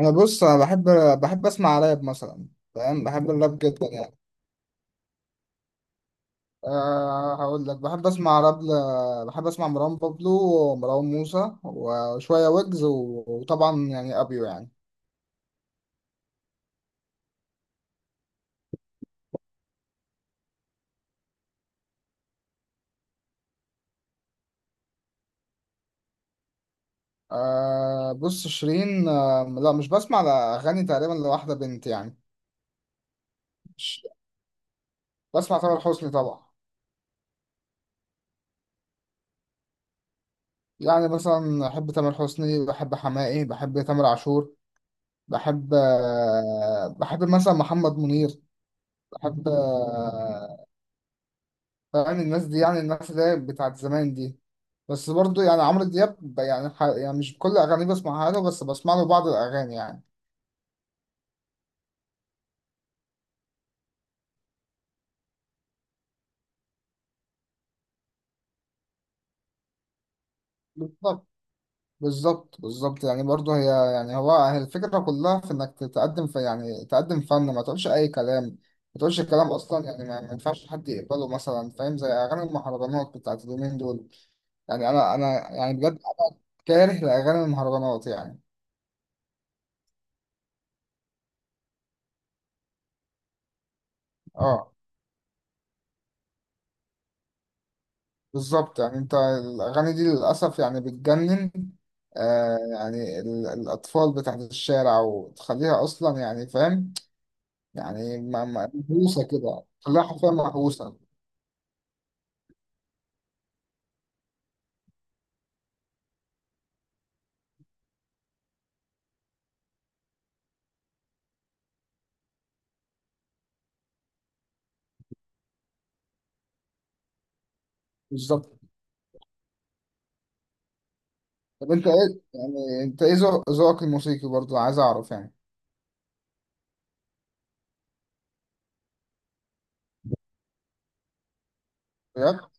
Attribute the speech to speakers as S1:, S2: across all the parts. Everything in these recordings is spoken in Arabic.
S1: انا، بص، انا بحب اسمع راب مثلا. فاهم؟ بحب الراب جدا يعني. أه، هقول لك بحب اسمع راب بحب اسمع مروان بابلو، ومروان موسى، وشويه ويجز وطبعا يعني ابيو يعني. أه، بص، شيرين، أه لا، مش بسمع لاغاني تقريبا لواحده بنت يعني. مش... بسمع تامر حسني طبعا. يعني مثلا بحب تامر حسني، بحب حماقي، بحب تامر عاشور. بحب مثلا محمد منير. بحب آه، يعني الناس دي، يعني الناس اللي هي بتاعت زمان دي. بس برضو يعني عمرو دياب، يعني مش كل أغانيه بسمعها له، بس بسمع له بعض الأغاني يعني. بالظبط، بالظبط، بالظبط، يعني برضو هي. يعني هي الفكرة كلها في إنك تقدم في يعني تقدم فن، ما تقولش أي كلام. ما تقولش كلام أصلا، يعني ما ينفعش حد يقبله مثلا. فاهم؟ زي أغاني المهرجانات بتاعت اليومين دول. يعني أنا يعني بجد كاره لأغاني المهرجانات يعني. اه، بالظبط، يعني انت الاغاني دي للاسف يعني بتجنن. الاطفال بتاعت الشارع، وتخليها اصلا يعني. فاهم؟ يعني محبوسه كده، تخليها حرفيا محبوسه. بالظبط. طب انت ايه ذوقك الموسيقي؟ برضو عايز اعرف يعني. بجد؟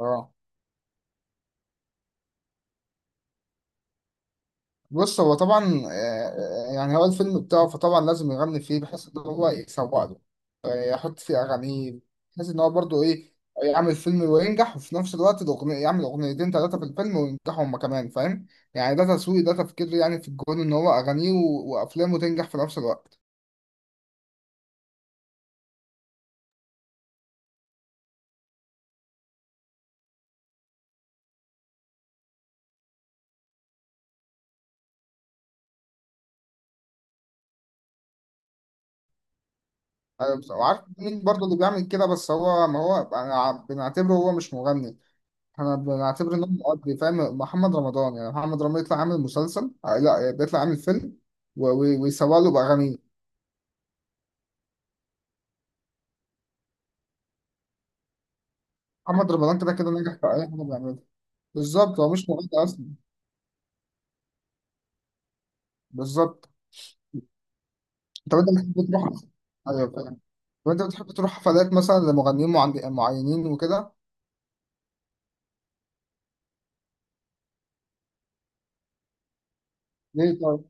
S1: اه، بص، هو طبعا، يعني هو الفيلم بتاعه، فطبعا لازم يغني فيه بحيث ان هو يسوق له. يحط فيه اغانيه، بحيث ان هو برضه ايه، يعمل فيلم وينجح، وفي نفس الوقت الاغنيه يعمل اغنيتين ثلاثه في الفيلم وينجحوا هما كمان. فاهم؟ يعني ده تسويق، ده تفكير، يعني في الجون ان هو اغانيه وافلامه تنجح في نفس الوقت. وعارف مين برضه اللي بيعمل كده؟ بس هو، ما هو أنا بنعتبره هو مش مغني. انا بعتبر ان هو مقضي. فاهم؟ محمد رمضان، يعني محمد رمضان يطلع عامل مسلسل، لا بيطلع عامل فيلم ويسوق له باغانيه. محمد رمضان كده كده ناجح في اي حاجه بيعملها. بالظبط، هو مش مغني اصلا. بالظبط. طب انت بتحب تروح؟ ايوه، فاهم. طب انت بتحب تروح حفلات مثلا لمغنيين معينين وكده؟ ليه طيب؟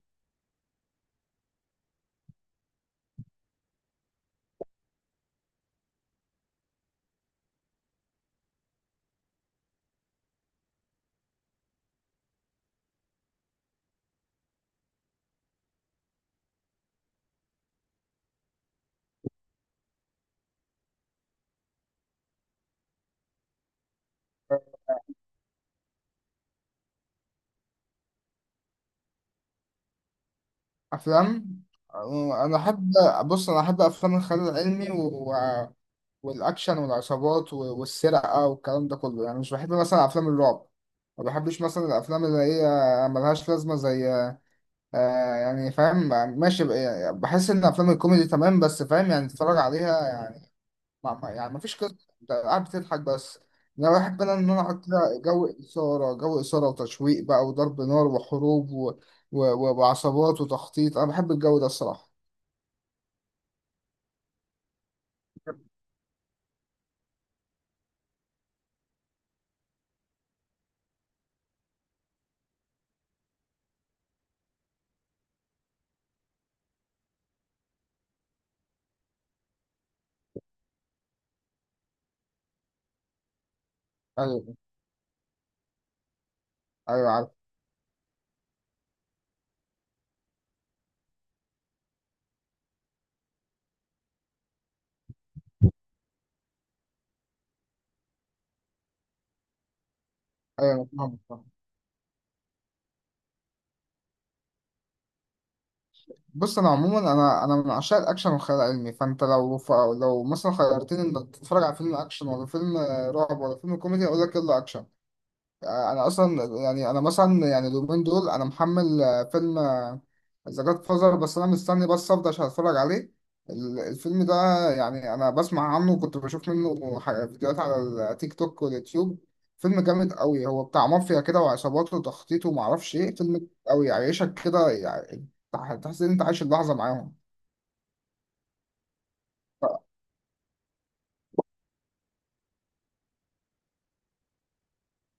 S1: افلام، انا احب. بص، انا احب افلام الخيال العلمي والاكشن والعصابات، والسرقه والكلام ده كله، يعني مش بحب مثلا افلام الرعب. ما بحبش مثلا الافلام اللي هي ملهاش لازمه، زي يعني فاهم؟ ماشي، يعني بحس ان افلام الكوميدي تمام، بس فاهم يعني تتفرج عليها يعني. يعني ما فيش قصه، انت قاعد بتضحك بس. انا بحب، انا ان انا اقعد كده، جو اثاره، جو اثاره وتشويق بقى، وضرب نار، وحروب، و... وعصابات وتخطيط. انا بحب الجو ده الصراحه. ايوه، ايوه، عارف. ايوه، أنا فاهمك. بص، انا عموما انا من عشاق الاكشن والخيال العلمي. فانت لو لو مثلا خيرتني انك تتفرج على فيلم اكشن، ولا فيلم رعب، ولا فيلم كوميدي، اقول لك يلا اكشن. انا اصلا يعني انا مثلا، يعني اليومين دول انا محمل، فيلم، ذا جاد فازر. بس انا مستني بس افضى عشان اتفرج عليه. الفيلم ده يعني انا بسمع عنه، وكنت بشوف منه فيديوهات على التيك توك واليوتيوب. فيلم جامد قوي، هو بتاع مافيا كده وعصابات وتخطيط ومعرفش ايه. فيلم جامد قوي، يعيشك كده يعني. تحس ان انت عايش اللحظه معاهم. ف-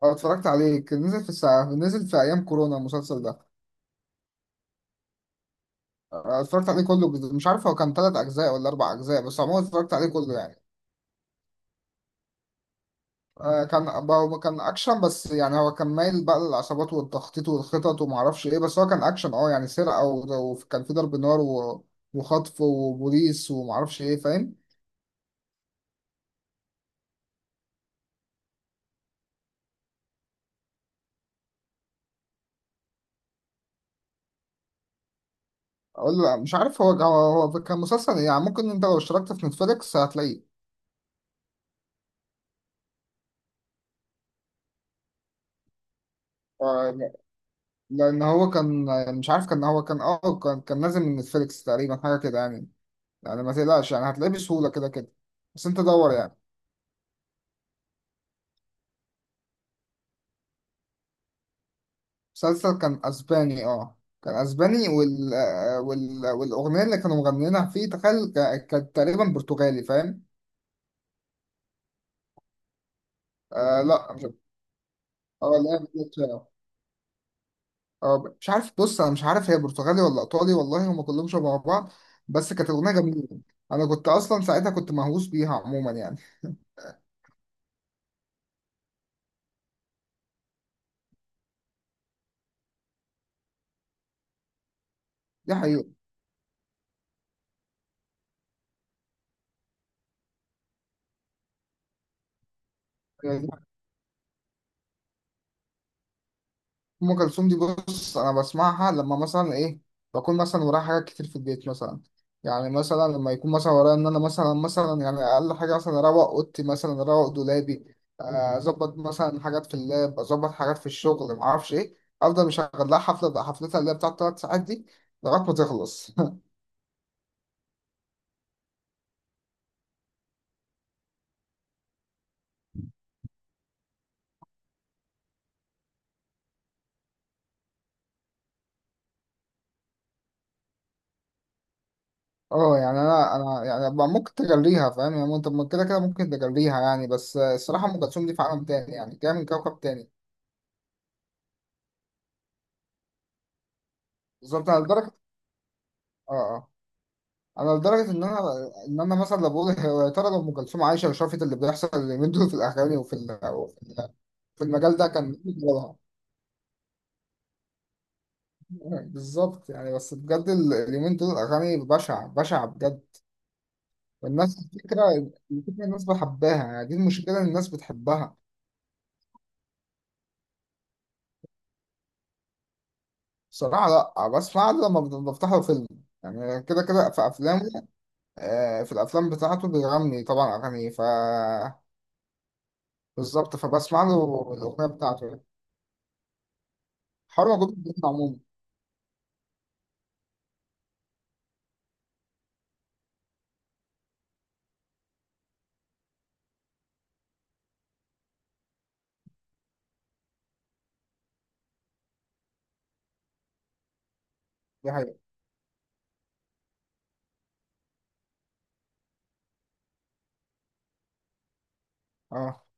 S1: أنا اتفرجت عليه، كان نزل في الساعة، نزل في ايام كورونا المسلسل ده. اتفرجت عليه كله. مش عارف هو كان تلات أجزاء ولا أربع أجزاء، بس عموما اتفرجت عليه كله يعني. هو كان أكشن، بس يعني هو كان مايل بقى للعصابات والتخطيط والخطط ومعرفش إيه. بس هو كان أكشن، يعني سرقة، وكان في ضرب نار، وخطف وبوليس ومعرفش إيه. فاهم؟ أقول لا، مش عارف، هو كان مسلسل يعني. ممكن أنت لو اشتركت في نتفليكس هتلاقيه. آه، لا- لأن هو كان، مش عارف، كان هو كان أه كان كان نازل من نتفليكس تقريبا، حاجة كده يعني. يعني ما تقلقش، يعني هتلاقيه بسهولة كده كده. بس أنت دور يعني. مسلسل كان اسباني، اه كان اسباني، والاغنيه اللي كانوا مغنيينها فيه تخيل كانت تقريبا برتغالي. فاهم؟ لا مش. اه لا مش عارف. اه، مش عارف. بص انا مش عارف هي برتغالي ولا ايطالي، والله هم كلهم شبه بعض. بس كانت الاغنيه جميله. انا كنت اصلا ساعتها كنت مهووس بيها عموما يعني. دي حقيقه. ام كلثوم دي، بص انا بسمعها لما مثلا ايه، بكون مثلا ورايا حاجات كتير في البيت مثلا. يعني مثلا لما يكون مثلا ورايا ان انا مثلا، يعني اقل حاجه مثلا اروق اوضتي، مثلا اروق دولابي، اظبط مثلا حاجات في اللاب، اظبط حاجات في الشغل، ما اعرفش ايه. افضل مشغل لها حفله بقى، حفلتها اللي هي بتاعت 3 ساعات دي، لغايه ما تخلص. اه، يعني انا يعني بقى ممكن تجريها. فاهم؟ يعني انت كده كده ممكن تجريها يعني. بس الصراحه ام كلثوم دي في عالم تاني، يعني جايه من كوكب تاني. بالظبط، على لدرجه، اه، آه. انا لدرجه ان انا مثلا لو بقول يا ترى لو ام كلثوم عايشه وشافت اللي بيحصل اليومين دول في الاغاني وفي، في المجال ده، كان إيه دورها؟ بالظبط، يعني بس بجد اليومين دول الاغاني بشعه بشعه بجد. والناس، الفكره، الفكره الناس بحبها، يعني دي المشكله، ان الناس بتحبها. بصراحه لا، بسمع له لما بفتحه فيلم. يعني كده كده في افلامه. في الافلام بتاعته بيغني طبعا اغاني، بالظبط فبسمع له الاغنيه بتاعته، حوار موجود في الدنيا عموما. دي حقيقة. اه،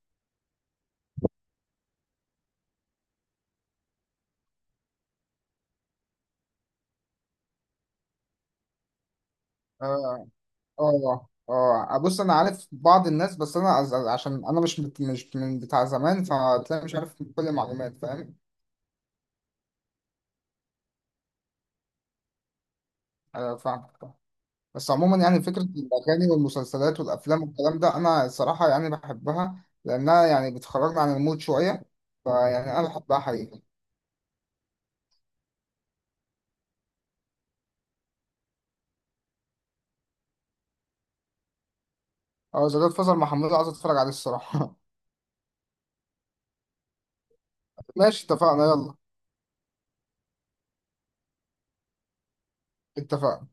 S1: اه، اه، اه. بص، انا عارف بعض الناس، بس انا عشان انا مش مش من بتاع زمان، فتلاقي مش عارف كل المعلومات. فاهم؟ انا فاهم. بس عموما يعني فكره الاغاني والمسلسلات والافلام والكلام ده، انا الصراحه يعني بحبها، لانها يعني بتخرجنا عن المود شويه. فيعني انا بحبها حقيقي. اه، زي ده فضل محمود عايز اتفرج عليه الصراحه. ماشي، اتفقنا، يلا. اتفقنا.